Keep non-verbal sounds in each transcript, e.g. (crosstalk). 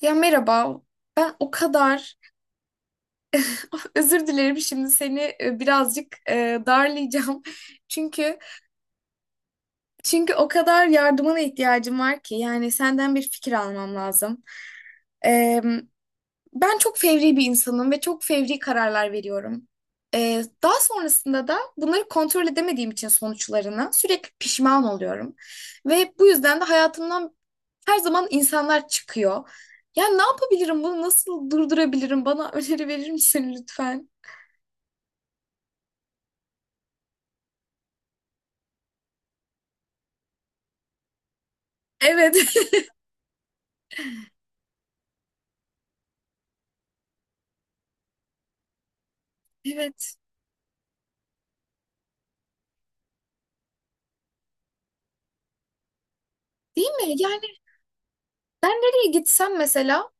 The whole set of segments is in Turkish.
Ya merhaba. Ben o kadar (laughs) özür dilerim, şimdi seni birazcık darlayacağım. (laughs) Çünkü çünkü o kadar yardımına ihtiyacım var ki, yani senden bir fikir almam lazım. E, Ben çok fevri bir insanım ve çok fevri kararlar veriyorum. Daha sonrasında da bunları kontrol edemediğim için sonuçlarına sürekli pişman oluyorum. Ve bu yüzden de hayatımdan zaman insanlar çıkıyor. Ya ne yapabilirim? Bunu nasıl durdurabilirim? Bana öneri verir misin lütfen? Evet. (laughs) Evet. Değil mi? Yani ben nereye gitsem, mesela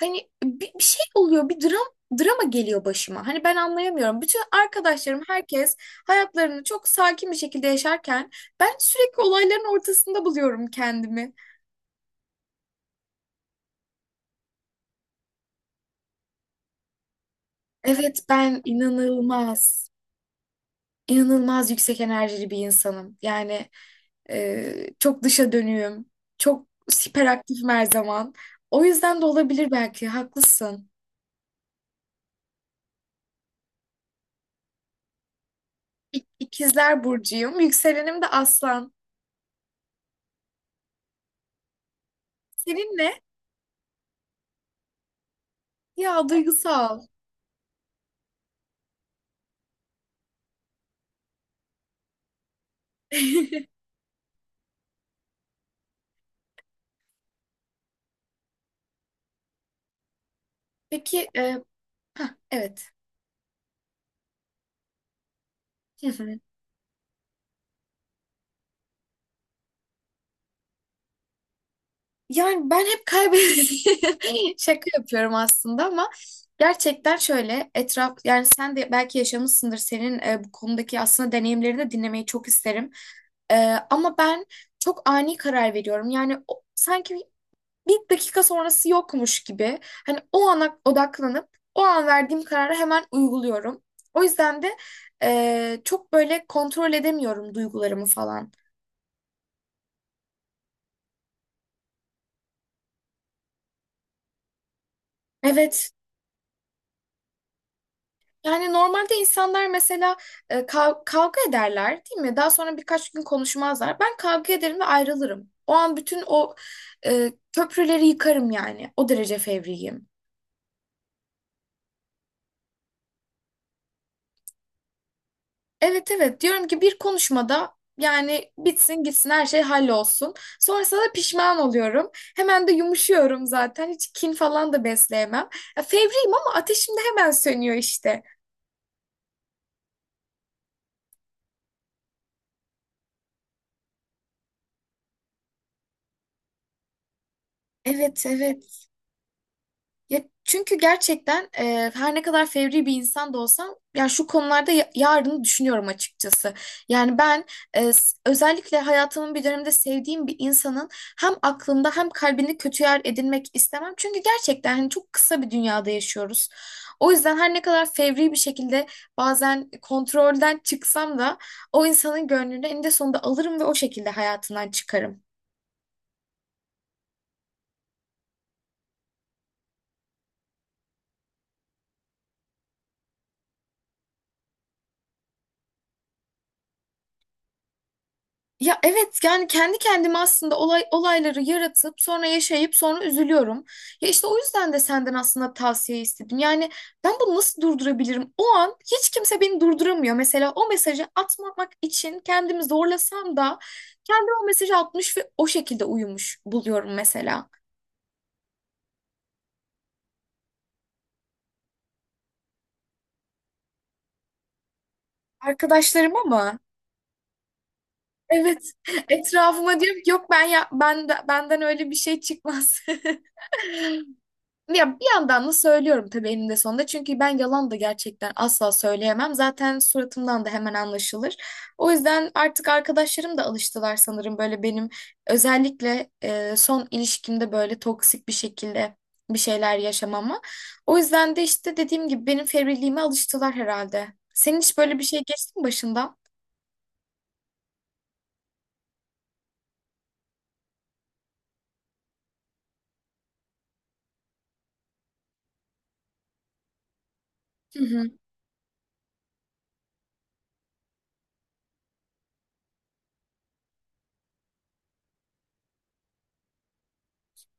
hani bir şey oluyor, bir drama geliyor başıma. Hani ben anlayamıyorum. Bütün arkadaşlarım, herkes hayatlarını çok sakin bir şekilde yaşarken ben sürekli olayların ortasında buluyorum kendimi. Evet, ben inanılmaz yüksek enerjili bir insanım. Yani çok dışa dönüyüm. Çok hiperaktifim her zaman. O yüzden de olabilir belki. Haklısın. İkizler burcuyum. Yükselenim de aslan. Senin ne? Ya duygusal. (laughs) Peki, evet. Hı hı. Yani ben hep kaybediyorum. (laughs) Şaka yapıyorum aslında ama gerçekten şöyle etraf, yani sen de belki yaşamışsındır, senin bu konudaki aslında deneyimlerini de dinlemeyi çok isterim. E, Ama ben çok ani karar veriyorum. Yani sanki bir dakika sonrası yokmuş gibi, hani o ana odaklanıp o an verdiğim kararı hemen uyguluyorum. O yüzden de çok böyle kontrol edemiyorum duygularımı falan. Evet. Yani normalde insanlar, mesela kavga ederler, değil mi? Daha sonra birkaç gün konuşmazlar. Ben kavga ederim ve ayrılırım. O an bütün o köprüleri yıkarım yani. O derece fevriyim. Evet, evet diyorum ki bir konuşmada, yani bitsin gitsin, her şey hallolsun. Sonrasında da pişman oluyorum. Hemen de yumuşuyorum zaten. Hiç kin falan da besleyemem. Ya, fevriyim ama ateşim de hemen sönüyor işte. Evet, evet. Ya çünkü gerçekten her ne kadar fevri bir insan da olsam, ya şu konularda yarını düşünüyorum açıkçası. Yani ben özellikle hayatımın bir döneminde sevdiğim bir insanın hem aklında hem kalbinde kötü yer edinmek istemem. Çünkü gerçekten hani çok kısa bir dünyada yaşıyoruz. O yüzden her ne kadar fevri bir şekilde bazen kontrolden çıksam da o insanın gönlünü eninde sonunda alırım ve o şekilde hayatından çıkarım. Ya evet, yani kendi kendime aslında olayları yaratıp sonra yaşayıp sonra üzülüyorum. Ya işte o yüzden de senden aslında tavsiye istedim. Yani ben bunu nasıl durdurabilirim? O an hiç kimse beni durduramıyor. Mesela o mesajı atmamak için kendimi zorlasam da kendim o mesajı atmış ve o şekilde uyumuş buluyorum mesela. Arkadaşlarım, ama evet, (laughs) etrafıma diyorum ki, yok ben, ya ben, benden öyle bir şey çıkmaz. (laughs) Ya bir yandan da söylüyorum tabii eninde sonunda. Çünkü ben yalan da gerçekten asla söyleyemem. Zaten suratımdan da hemen anlaşılır. O yüzden artık arkadaşlarım da alıştılar sanırım böyle benim, özellikle son ilişkimde böyle toksik bir şekilde bir şeyler yaşamama. O yüzden de işte dediğim gibi benim fevriliğime alıştılar herhalde. Senin hiç böyle bir şey geçti mi başından?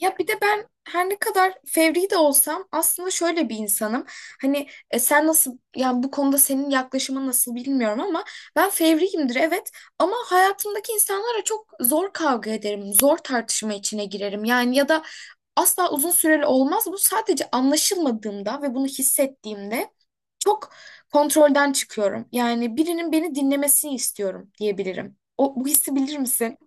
Ya bir de ben her ne kadar fevri de olsam aslında şöyle bir insanım. Hani sen nasıl, yani bu konuda senin yaklaşımın nasıl bilmiyorum, ama ben fevriyimdir evet, ama hayatımdaki insanlara çok zor kavga ederim. Zor tartışma içine girerim. Yani ya da asla uzun süreli olmaz. Bu sadece anlaşılmadığımda ve bunu hissettiğimde çok kontrolden çıkıyorum. Yani birinin beni dinlemesini istiyorum diyebilirim. O, bu hissi bilir misin?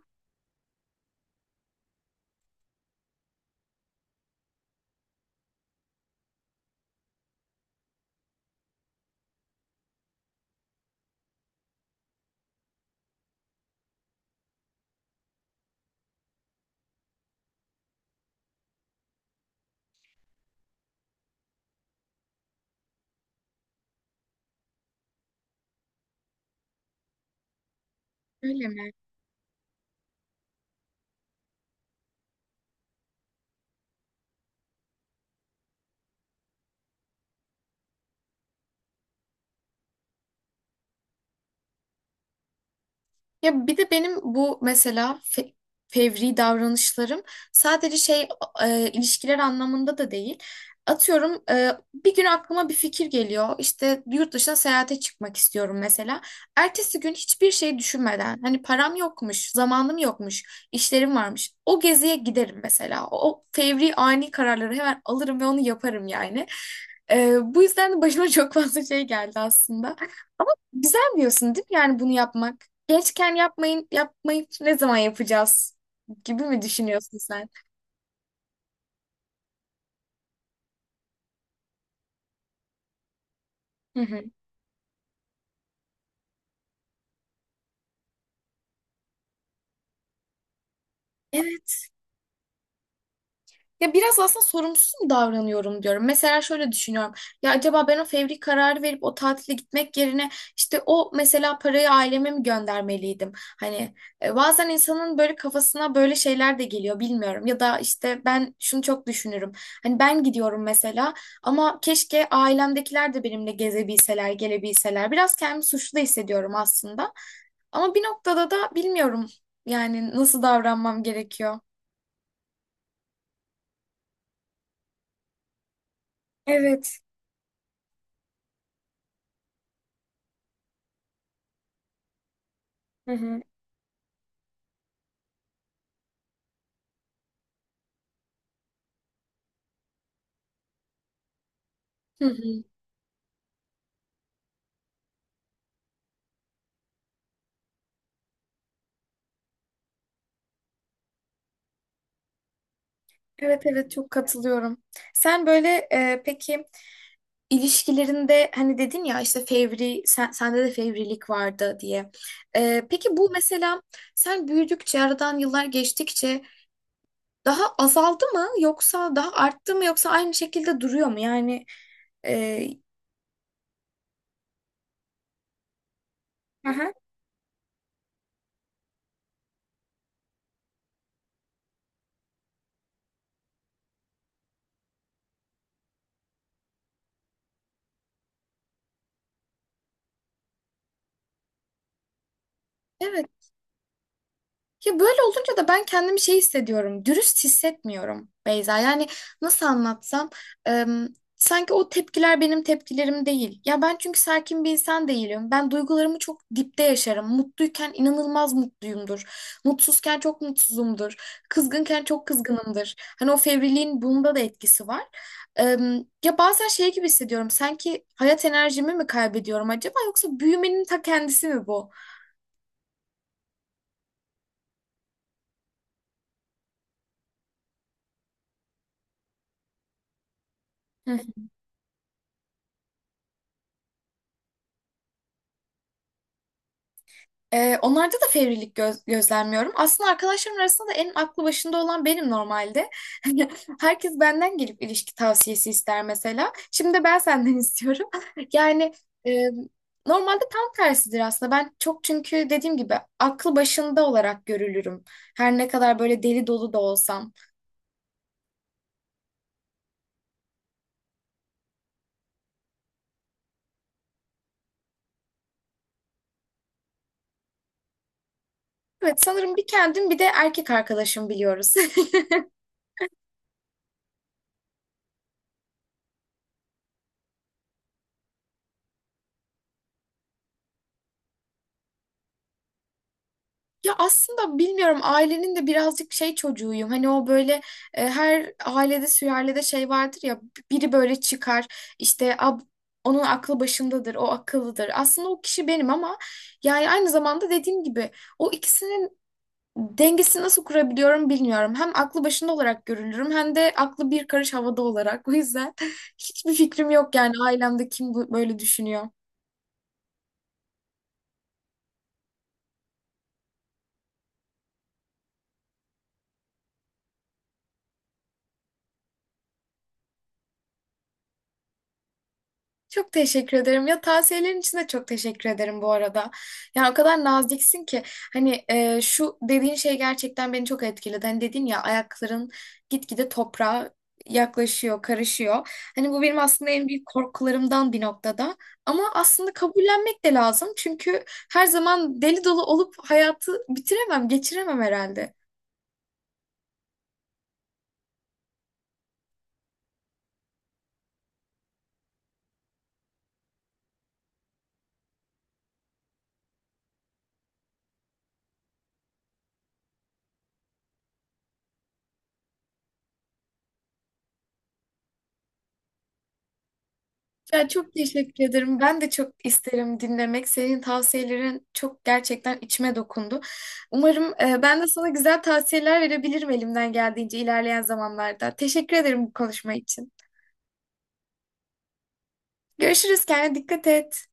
Ya bir de benim bu mesela fevri davranışlarım sadece şey, ilişkiler anlamında da değil. Atıyorum, bir gün aklıma bir fikir geliyor. İşte yurt dışına seyahate çıkmak istiyorum mesela. Ertesi gün hiçbir şey düşünmeden, hani param yokmuş, zamanım yokmuş, işlerim varmış, o geziye giderim mesela. O fevri ani kararları hemen alırım ve onu yaparım yani. Bu yüzden de başıma (laughs) çok fazla şey geldi aslında. Güzel diyorsun değil mi yani bunu yapmak? Gençken yapmayın, yapmayı ne zaman yapacağız gibi mi düşünüyorsun sen? Hı hı. Evet. Ya biraz aslında sorumsuz mu davranıyorum diyorum. Mesela şöyle düşünüyorum. Ya acaba ben o fevri kararı verip o tatile gitmek yerine işte o mesela parayı aileme mi göndermeliydim? Hani bazen insanın böyle kafasına böyle şeyler de geliyor, bilmiyorum. Ya da işte ben şunu çok düşünürüm. Hani ben gidiyorum mesela, ama keşke ailemdekiler de benimle gezebilseler, gelebilseler. Biraz kendimi suçlu da hissediyorum aslında. Ama bir noktada da bilmiyorum yani nasıl davranmam gerekiyor. Evet. Hı hı. Hı hı. Evet, evet, çok katılıyorum. Sen böyle peki ilişkilerinde, hani dedin ya işte fevri, sende de fevrilik vardı diye. Peki bu mesela sen büyüdükçe, aradan yıllar geçtikçe daha azaldı mı yoksa daha arttı mı, yoksa aynı şekilde duruyor mu? Yani e, Aha. Evet. Ya böyle olunca da ben kendimi şey hissediyorum. Dürüst hissetmiyorum Beyza. Yani nasıl anlatsam, em, sanki o tepkiler benim tepkilerim değil. Ya ben çünkü sakin bir insan değilim. Ben duygularımı çok dipte yaşarım. Mutluyken inanılmaz mutluyumdur. Mutsuzken çok mutsuzumdur. Kızgınken çok kızgınımdır. Hani o fevriliğin bunda da etkisi var. Ya bazen şey gibi hissediyorum. Sanki hayat enerjimi mi kaybediyorum acaba, yoksa büyümenin ta kendisi mi bu? Onlarda da fevrilik gözlemliyorum. Aslında arkadaşlarım arasında da en aklı başında olan benim normalde. (laughs) Herkes benden gelip ilişki tavsiyesi ister mesela. Şimdi de ben senden (laughs) istiyorum. Yani e, normalde tam tersidir aslında. Ben çok, çünkü dediğim gibi aklı başında olarak görülürüm. Her ne kadar böyle deli dolu da olsam. Evet, sanırım bir kendim, bir de erkek arkadaşım biliyoruz. (laughs) Ya aslında bilmiyorum, ailenin de birazcık şey çocuğuyum. Hani o böyle her ailede, sülalede şey vardır ya, biri böyle çıkar, işte onun aklı başındadır, o akıllıdır. Aslında o kişi benim, ama yani aynı zamanda dediğim gibi o ikisinin dengesini nasıl kurabiliyorum bilmiyorum. Hem aklı başında olarak görülürüm, hem de aklı bir karış havada olarak. (laughs) O yüzden hiçbir fikrim yok yani ailemde kim böyle düşünüyor. Çok teşekkür ederim. Ya tavsiyelerin için de çok teşekkür ederim bu arada. Ya o kadar naziksin ki, hani şu dediğin şey gerçekten beni çok etkiledi. Hani dedin ya, ayakların gitgide toprağa yaklaşıyor, karışıyor. Hani bu benim aslında en büyük korkularımdan bir noktada. Ama aslında kabullenmek de lazım. Çünkü her zaman deli dolu olup hayatı bitiremem, geçiremem herhalde. Ya çok teşekkür ederim. Ben de çok isterim dinlemek. Senin tavsiyelerin çok, gerçekten içime dokundu. Umarım ben de sana güzel tavsiyeler verebilirim elimden geldiğince ilerleyen zamanlarda. Teşekkür ederim bu konuşma için. Görüşürüz. Kendine dikkat et.